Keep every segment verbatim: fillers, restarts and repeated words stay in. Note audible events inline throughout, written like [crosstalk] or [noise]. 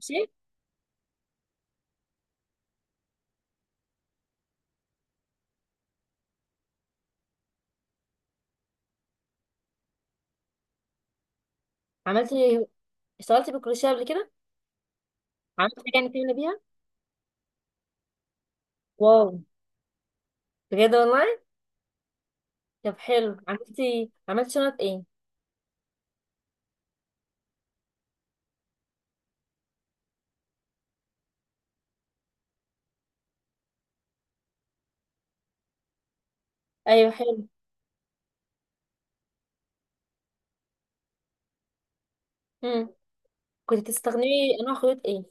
ماشي. عملت اشتغلتي بالكروشيه قبل كده؟ عملت حاجه يعني تعملي بيها؟ واو، بجد والله. طب حلو، عملتي عملت شنط ايه؟ ايوه حلو. امم كنت بتستخدمي انواع خيوط ايه؟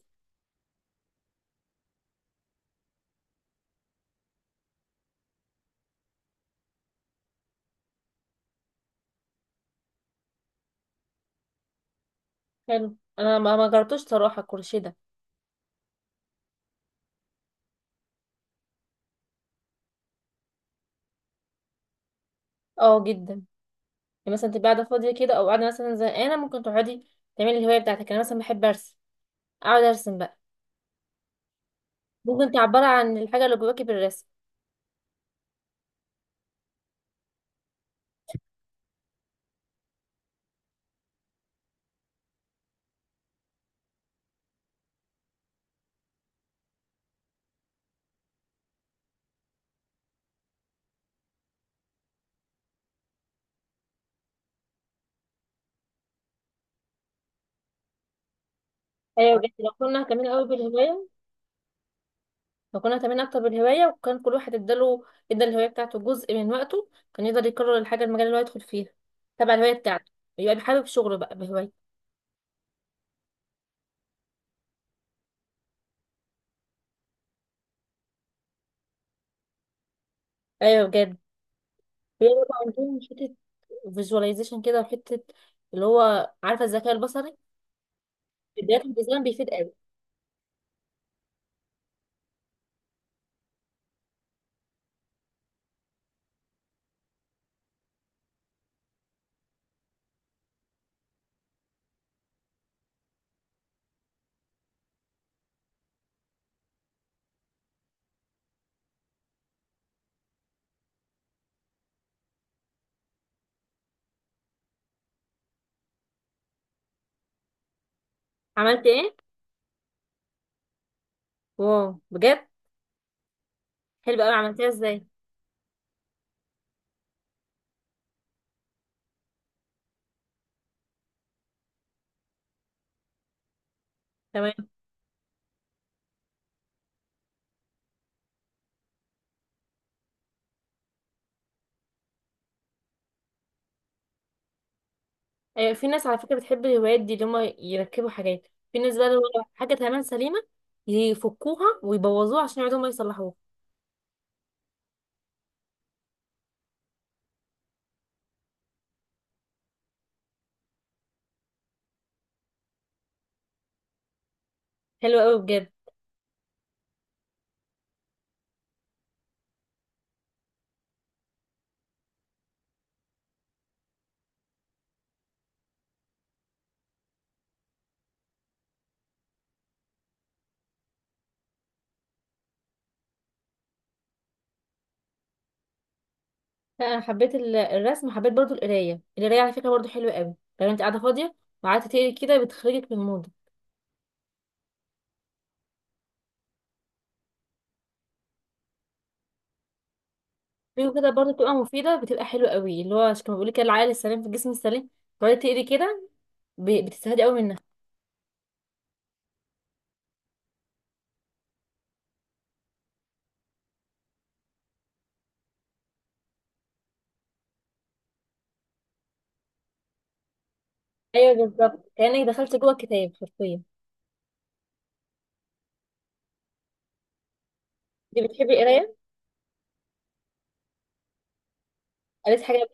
حلو. انا ما ما جربتوش صراحه الكروشيه ده. اه جدا، يعني مثلا تبقى قاعده فاضيه كده او قاعده مثلا زهقانه، ممكن تقعدي تعملي الهوايه بتاعتك. انا مثلا بحب ارسم، اقعد ارسم بقى. ممكن تعبري عن الحاجه اللي جواكي بالرسم. ايوه بجد، لو كنا كمان قوي بالهوايه فكنا تمام اكتر بالهوايه، وكان كل واحد اداله ادى الهوايه بتاعته جزء من وقته، كان يقدر يكرر الحاجه المجال اللي هو يدخل فيها تبع الهوايه بتاعته، يبقى بيحابب شغله بقى بهوايه. ايوه بجد. بيبقى عندهم حته فيجواليزيشن كده، وحته اللي هو عارفه الذكاء البصري. بدايات الديزاين بيفيد قوي. عملت ايه؟ واو بجد. حلو قوي، عملتيها ازاي؟ تمام. ايوه، في ناس على فكره بتحب الهوايات دي اللي هم يركبوا حاجات، في ناس بقى اللي هو حاجه تمام سليمه يفكوها ويبوظوها عشان يقعدوا ما يصلحوها. حلو قوي بجد. لا، انا حبيت ال- الرسم، حبيت برضو القرايه القرايه على فكره برضو حلوه قوي. لو انت قاعده فاضيه وقعدت تقري كده، بتخرجك من المود. في كده برضو بتبقى مفيده، بتبقى حلوه قوي، اللي هو كما بيقول لك كده العقل السليم في الجسم السليم. تقعدي تقري كده ب- بتستفادي قوي منها. ايوه بالظبط، كانك دخلت جوه الكتاب حرفيا. انت بتحبي القرايه؟ قريت حاجه؟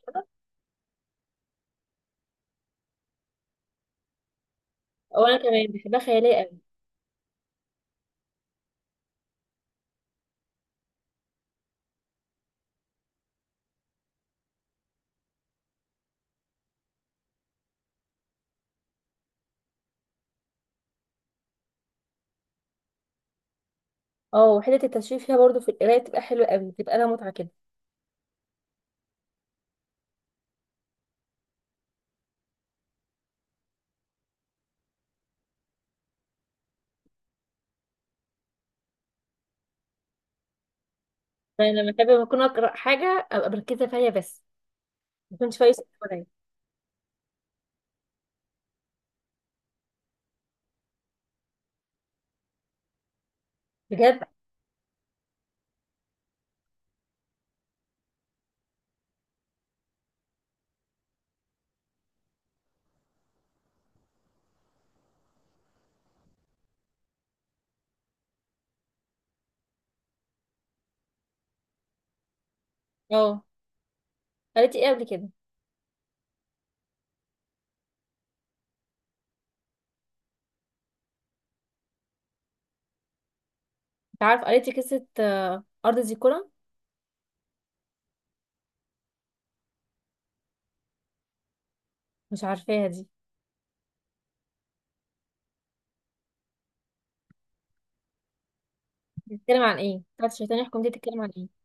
او انا كمان بحبها خياليه قوي. اه، وحته التشويق فيها برضو في القرايه بتبقى حلوه قوي، بتبقى لها متعه كده. يعني لما بحب لما اكون اقرا حاجه ابقى مركزه فيها بس، ما كنتش فايسه. بجد؟ اه. قريتي ايه قبل كده؟ انت عارف قريتي قصة آه، أرض زيكولا؟ مش عارفاها دي. بتتكلم عن ايه بتاعت الشيطان يحكم دي؟ بتتكلم عن ايه؟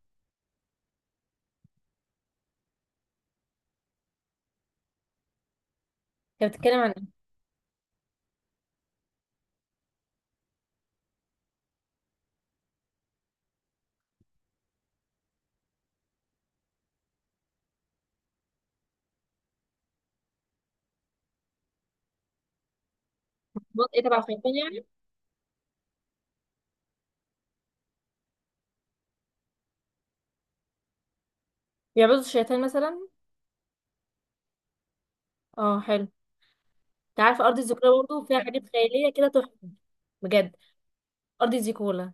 كانت بتتكلم عن ايه؟ منطقة تبع الشيطان يعني؟ بيعبدوا الشيطان مثلا؟ اه حلو. انت عارفة أرض زيكولا برضه فيها حاجات خيالية كده تحفة؟ بجد. أرض زيكولا.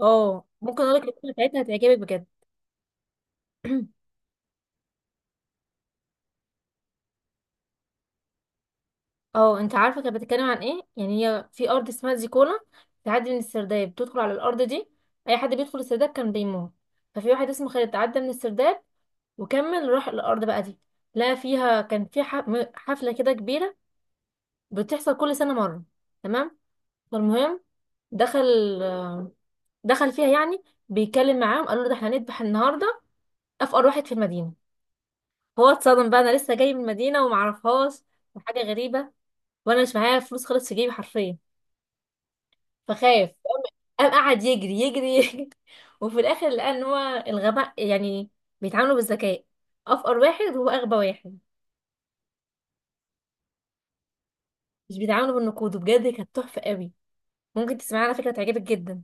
اه، ممكن اقولك القصة بتاعتها، هتعجبك بجد. [clears throat] اه، انت عارفة كانت بتتكلم عن ايه؟ يعني هي في أرض اسمها زيكولا، بتعدي من السرداب بتدخل على الأرض دي. أي حد بيدخل السرداب كان بيموت. ففي واحد اسمه خالد تعدى من السرداب وكمل روح الارض بقى دي. لا، فيها كان في ح- م- حفله كده كبيره، بتحصل كل سنه مره. تمام. فالمهم، دخل آه، دخل فيها يعني، بيتكلم معاهم. قالوا له ده احنا هنذبح النهارده افقر واحد في المدينه. هو اتصدم بقى، انا لسه جاي من المدينه ومعرفهاش، وحاجه غريبه، وانا مش معايا فلوس خالص في جيبي حرفيا. فخاف، قام قام قعد يجري يجري يجري [laughs] وفي الاخر لقى ان هو الغباء يعني، بيتعاملوا بالذكاء. افقر واحد هو اغبى واحد، مش بيتعاملوا بالنقود. وبجد كانت تحفه قوي. ممكن تسمعها على فكرة، تعجبك جدا.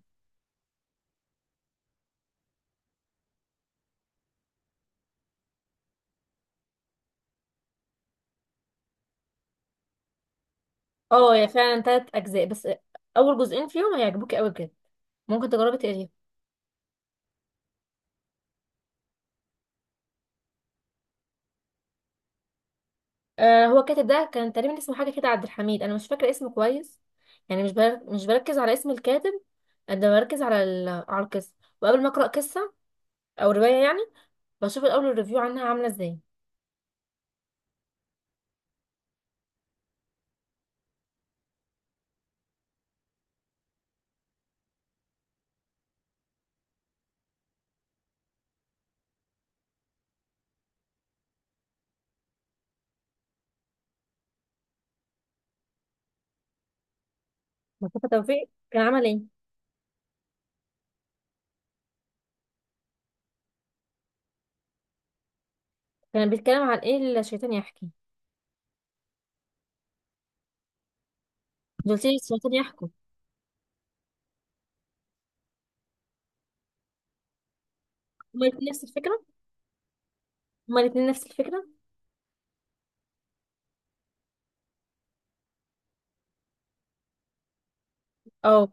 اه هي فعلا تلات أجزاء، بس أول جزئين فيهم هيعجبوك أوي بجد. ممكن تجربي تقريهم. آه، هو الكاتب ده كان تقريبا اسمه حاجة كده عبد الحميد، أنا مش فاكرة اسمه كويس. يعني مش بر... مش بركز على اسم الكاتب، قد ما بركز على ال... على القصة. وقبل ما أقرأ قصة أو رواية يعني، بشوف الأول الريفيو عنها عاملة ازاي. مصطفى توفيق كان عمل ايه؟ كان بيتكلم عن ايه الشيطان يحكي؟ دول الشيطان يحكوا. هما الاتنين نفس الفكرة هما الاتنين نفس الفكرة. اه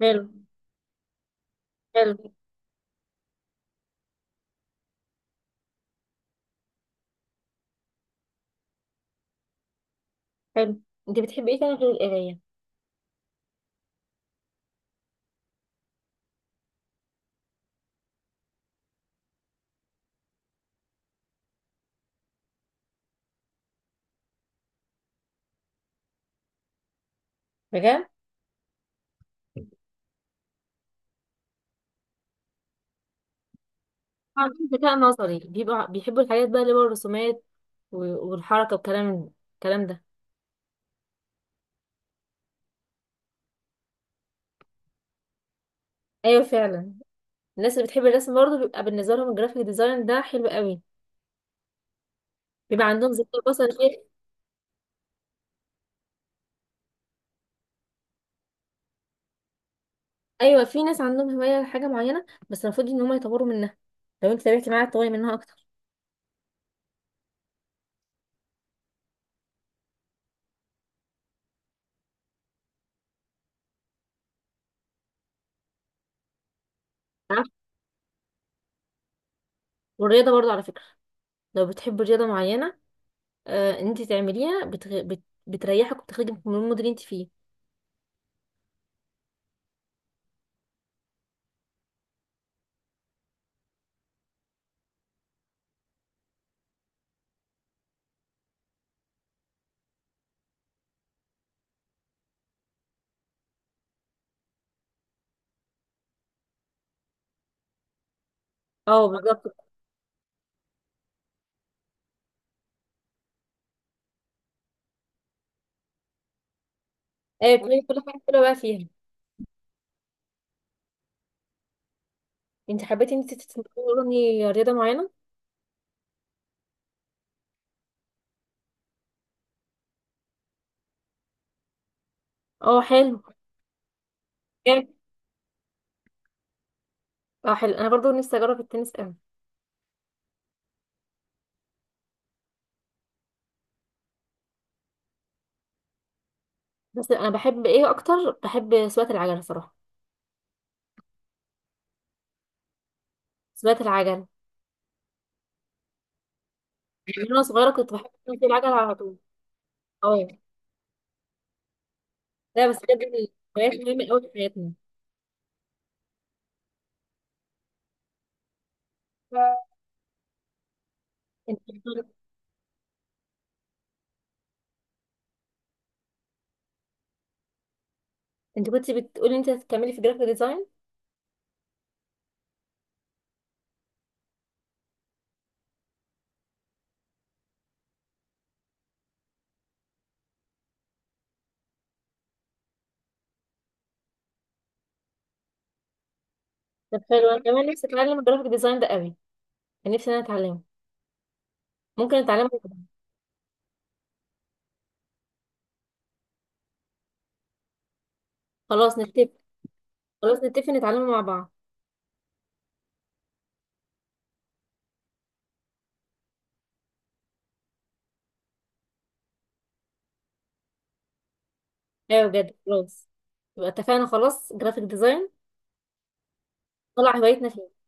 حلو. حلو. حلو، انت بتحبي ايه تاني غير القرايه؟ بجد. عندهم ذكاء نظري بيبقوا بيحبوا الحاجات بقى اللي هو الرسومات و- والحركه والكلام الكلام ده. ايوه فعلا. الناس اللي بتحب الرسم برضه بيبقى بالنسبه لهم الجرافيك ديزاين ده حلو قوي، بيبقى عندهم ذكاء بصري غير [laughs] ايوه، في ناس عندهم هوايه لحاجه معينه، بس المفروض ان هم يطوروا منها. لو انت تابعتي معاها تطوري منها اكتر. عارفة؟ والرياضه برضه على فكره، لو بتحب رياضه معينه، آه انت تعمليها بتغ... بت... بتريحك وبتخرجك من المود اللي انت فيه. اه بالظبط. ايوه، بتعملي كل حاجه حلوه بقى فيها. انت حبيتي انت تتمرني رياضه معينه؟ اه حلو. جامد. اه حلو، انا برضو نفسي اجرب التنس قوي. بس انا بحب ايه اكتر؟ بحب سواقه العجل صراحه. سواقه العجل يعني، من وانا صغيره كنت بحب اسوق العجل على طول. اه. لا بس بجد، الهوايات مهمه قوي في حياتنا. انت انت كنت بتقولي انت هتكملي في جرافيك ديزاين. طب حلو، انا كمان نفسي اتعلم الجرافيك ديزاين ده قوي. كان نفسي إن انا اتعلمه. ممكن اتعلمه. خلاص نتفق. خلاص نتفق نتعلمه مع بعض. ايوه بجد خلاص. يبقى اتفقنا خلاص، جرافيك ديزاين طلع هوايتنا فيه.